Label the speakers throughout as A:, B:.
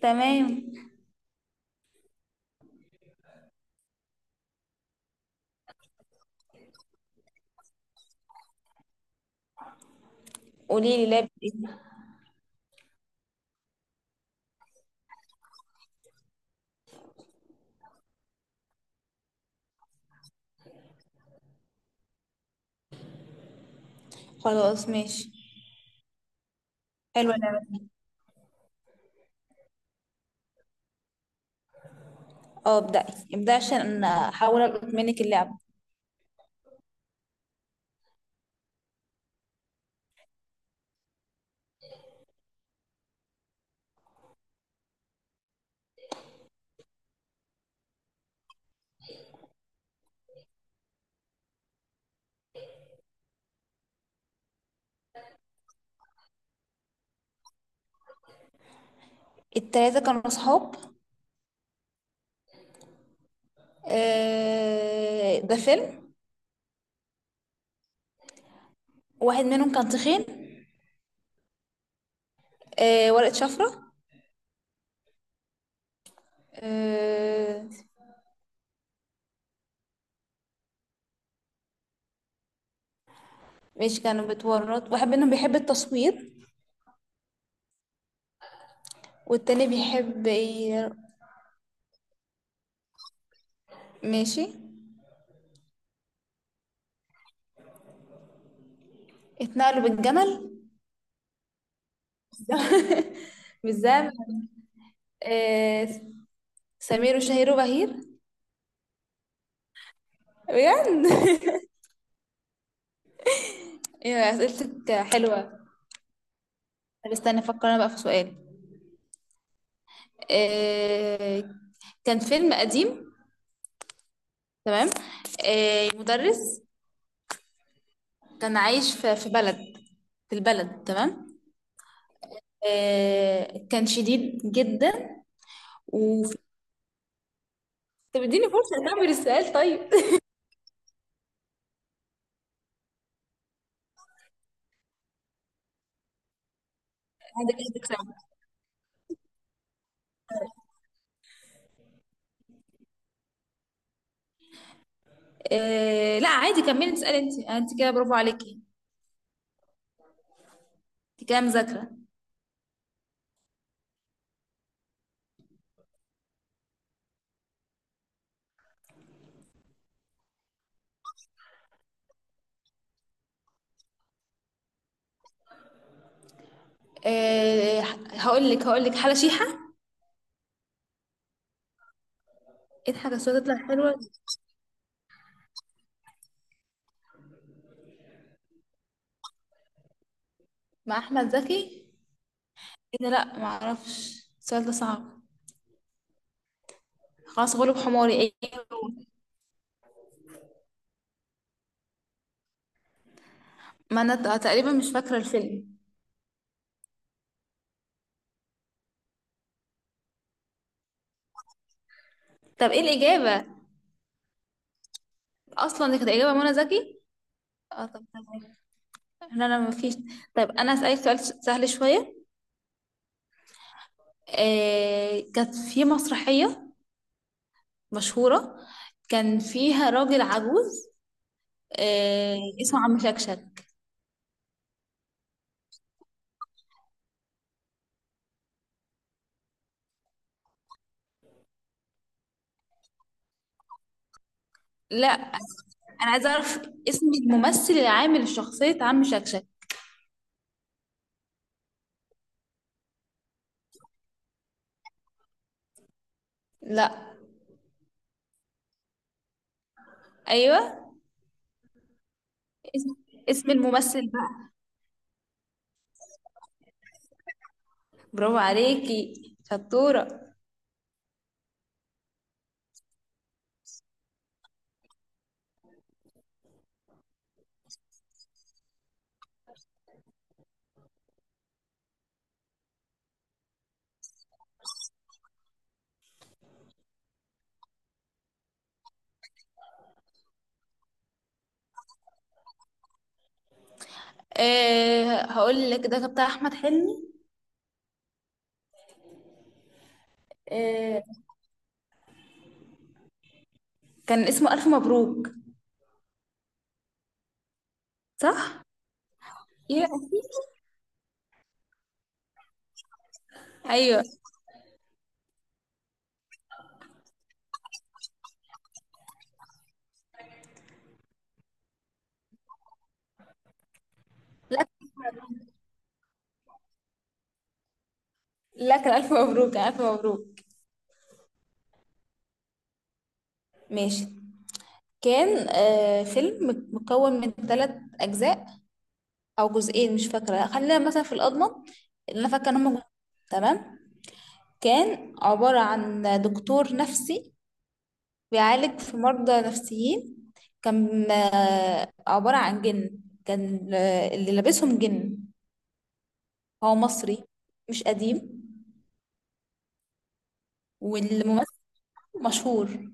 A: تمام. قولي لي لعبة ايه؟ خلاص، ماشي. حلوة اللعبة دي. اه، ابدأي. ابدأي عشان أنا احاول القط منك اللعبة. التلاتة كانوا صحاب؟ آه، ده فيلم. واحد منهم كان تخين؟ آه، ورقة شفرة؟ آه. ماشي، كانوا بتورط. واحد منهم بيحب التصوير والتاني بيحب ماشي. اتنقلوا بالجمل؟ بالزمن. آه. سمير وشهير وبهير. بجد. ايوه، اسئلتك حلوه. طب استنى افكر انا بقى في سؤال. آه، كان فيلم قديم. تمام. آه، مدرس. كان عايش في بلد. في البلد، تمام. آه، كان شديد جدا. وفي... طب اديني فرصه اكمل السؤال، طيب. عندك سؤال. آه، لا عادي، كملي تسالي. انت كده برافو عليكي. انت كده مذاكره. آه، هقول لك حاجه شيحه. اضحك الصوت تطلع حلوه. مع احمد زكي. ايه ده؟ لا معرفش، السؤال ده صعب. خلاص، غلب حماري، ايه؟ هو؟ ما انا تقريبا مش فاكرة الفيلم. طب ايه الإجابة؟ اصلا دي كانت إجابة منى زكي. اه، طب تمام. لا، لا، مفيش. طيب انا أسألك سؤال سهل شوية. آه، كانت في مسرحية مشهورة. كان فيها راجل عجوز. آه. اسمه عم شكشك. لا، انا عايزة اعرف اسم الممثل اللي عامل شخصية عم شكشك. لا. ايوه. اسم اسم الممثل بقى. برافو عليكي. شطورة. أه، هقول لك ده بتاع أحمد حلمي. أه، كان اسمه ألف مبروك. صح؟ يا. أيوه. لا، لا، كان ألف مبروك، كان ألف مبروك. ماشي. كان فيلم مكون من ثلاث أجزاء أو جزئين، مش فاكرة، خلينا مثلا في الأضمن. اللي أنا فاكرة إن هما جزئين، تمام. كان عبارة عن دكتور نفسي بيعالج في مرضى نفسيين. كان عبارة عن جن. كان اللي لابسهم جن. هو مصري، مش قديم. والممثل مشهور.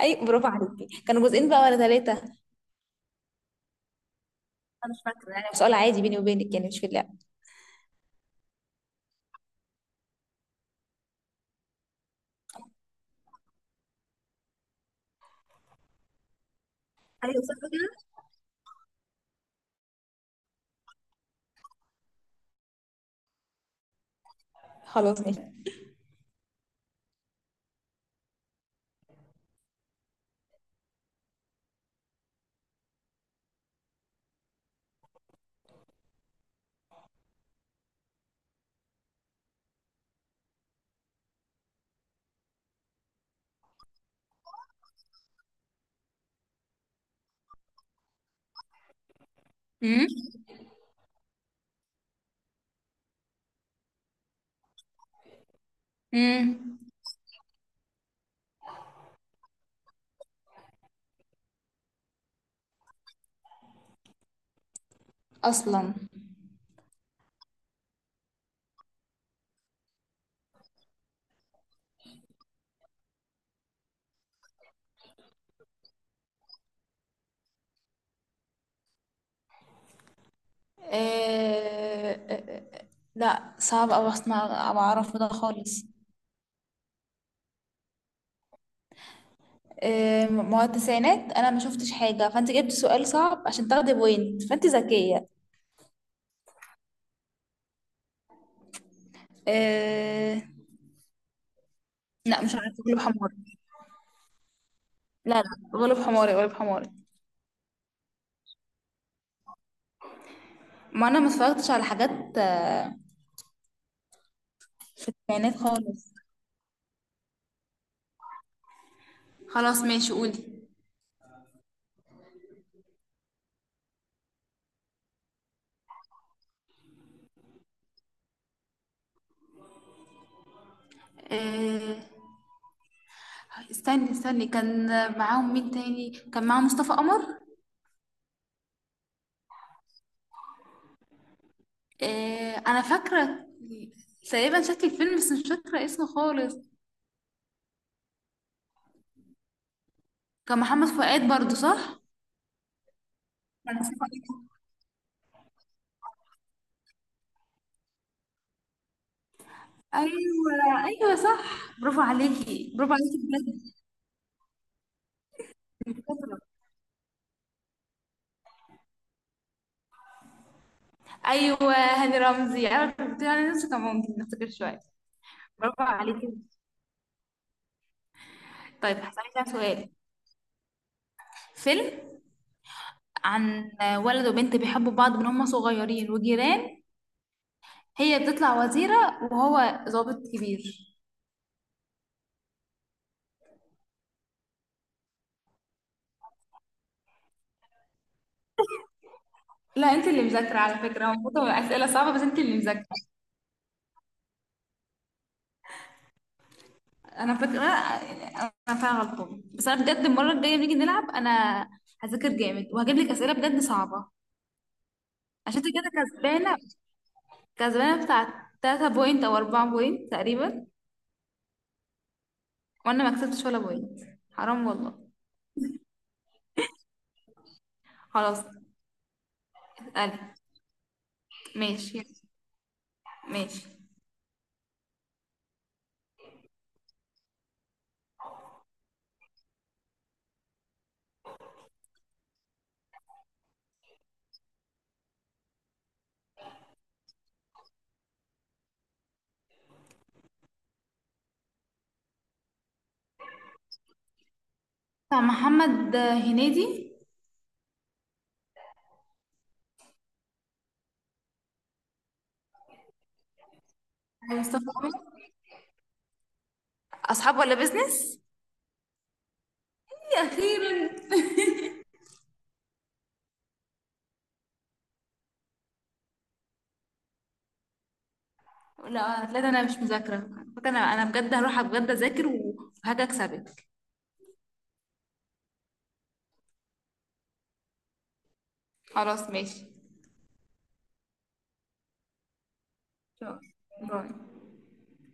A: اي، برافو عليكي. كانوا جزئين بقى ولا ثلاثة؟ انا مش فاكرة، يعني سؤال عادي بيني وبينك، يعني مش في اللعبة. ايوه، صح كده. خلاص، ماشي. امم. امم. اصلا. آه. آه، آه، آه. لا، صعب اوي اصلا أبقى اعرف ده خالص. ما هو التسعينات انا ما شفتش حاجه، فانت جبت سؤال صعب عشان تاخدي بوينت، فانت ذكيه. آه. لا، مش عارفه، غلب حماري. لا، لا، غلب حماري، غلب حماري. ما انا ما اتفرجتش على حاجات. تسعينات خالص. خلاص، ماشي، قولي. آه. استني، استني. كان معاهم مين تاني؟ كان معاهم مصطفى قمر. انا فاكره تقريبا شكل الفيلم بس مش فاكره اسمه خالص. كان محمد فؤاد برضو، صح؟ كان مصطفى. ايوه، ايوه، صح. برافو عليكي، برافو عليكي بجد. شاطرة. ايوه، هاني رمزي، انا كنت انا نفسي كان ممكن نفتكر شويه. برافو عليكي. طيب، هسألك بقى سؤال. فيلم عن ولد وبنت بيحبوا بعض من هما صغيرين وجيران. هي بتطلع وزيرة وهو ضابط كبير. لا، انت اللي مذاكرة على فكرة. هو المفروض تبقى اسئلة صعبة، بس انت اللي مذاكرة. انا فاكرة. انا فعلا غلطانة، بس انا بجد، المرة الجاية نيجي نلعب انا هذاكر جامد وهجيب لك اسئلة بجد صعبة. عشان انت كده كسبانه. كسبانه بتاع 3 بوينت او 4 بوينت تقريبا. وانا ما كسبتش ولا بوينت. حرام والله. خلاص. اسالي. ماشي، ماشي. بتاع محمد هنيدي؟ أيوة، مصطفى عمر. اصحاب ولا بيزنس؟ إيه، اخيرا. لا، لا، ده انا مش مذاكره فاكرة. انا بجد هروح بجد اذاكر وهاجي اكسبك. خلاص، ماشي. شكراً. باي.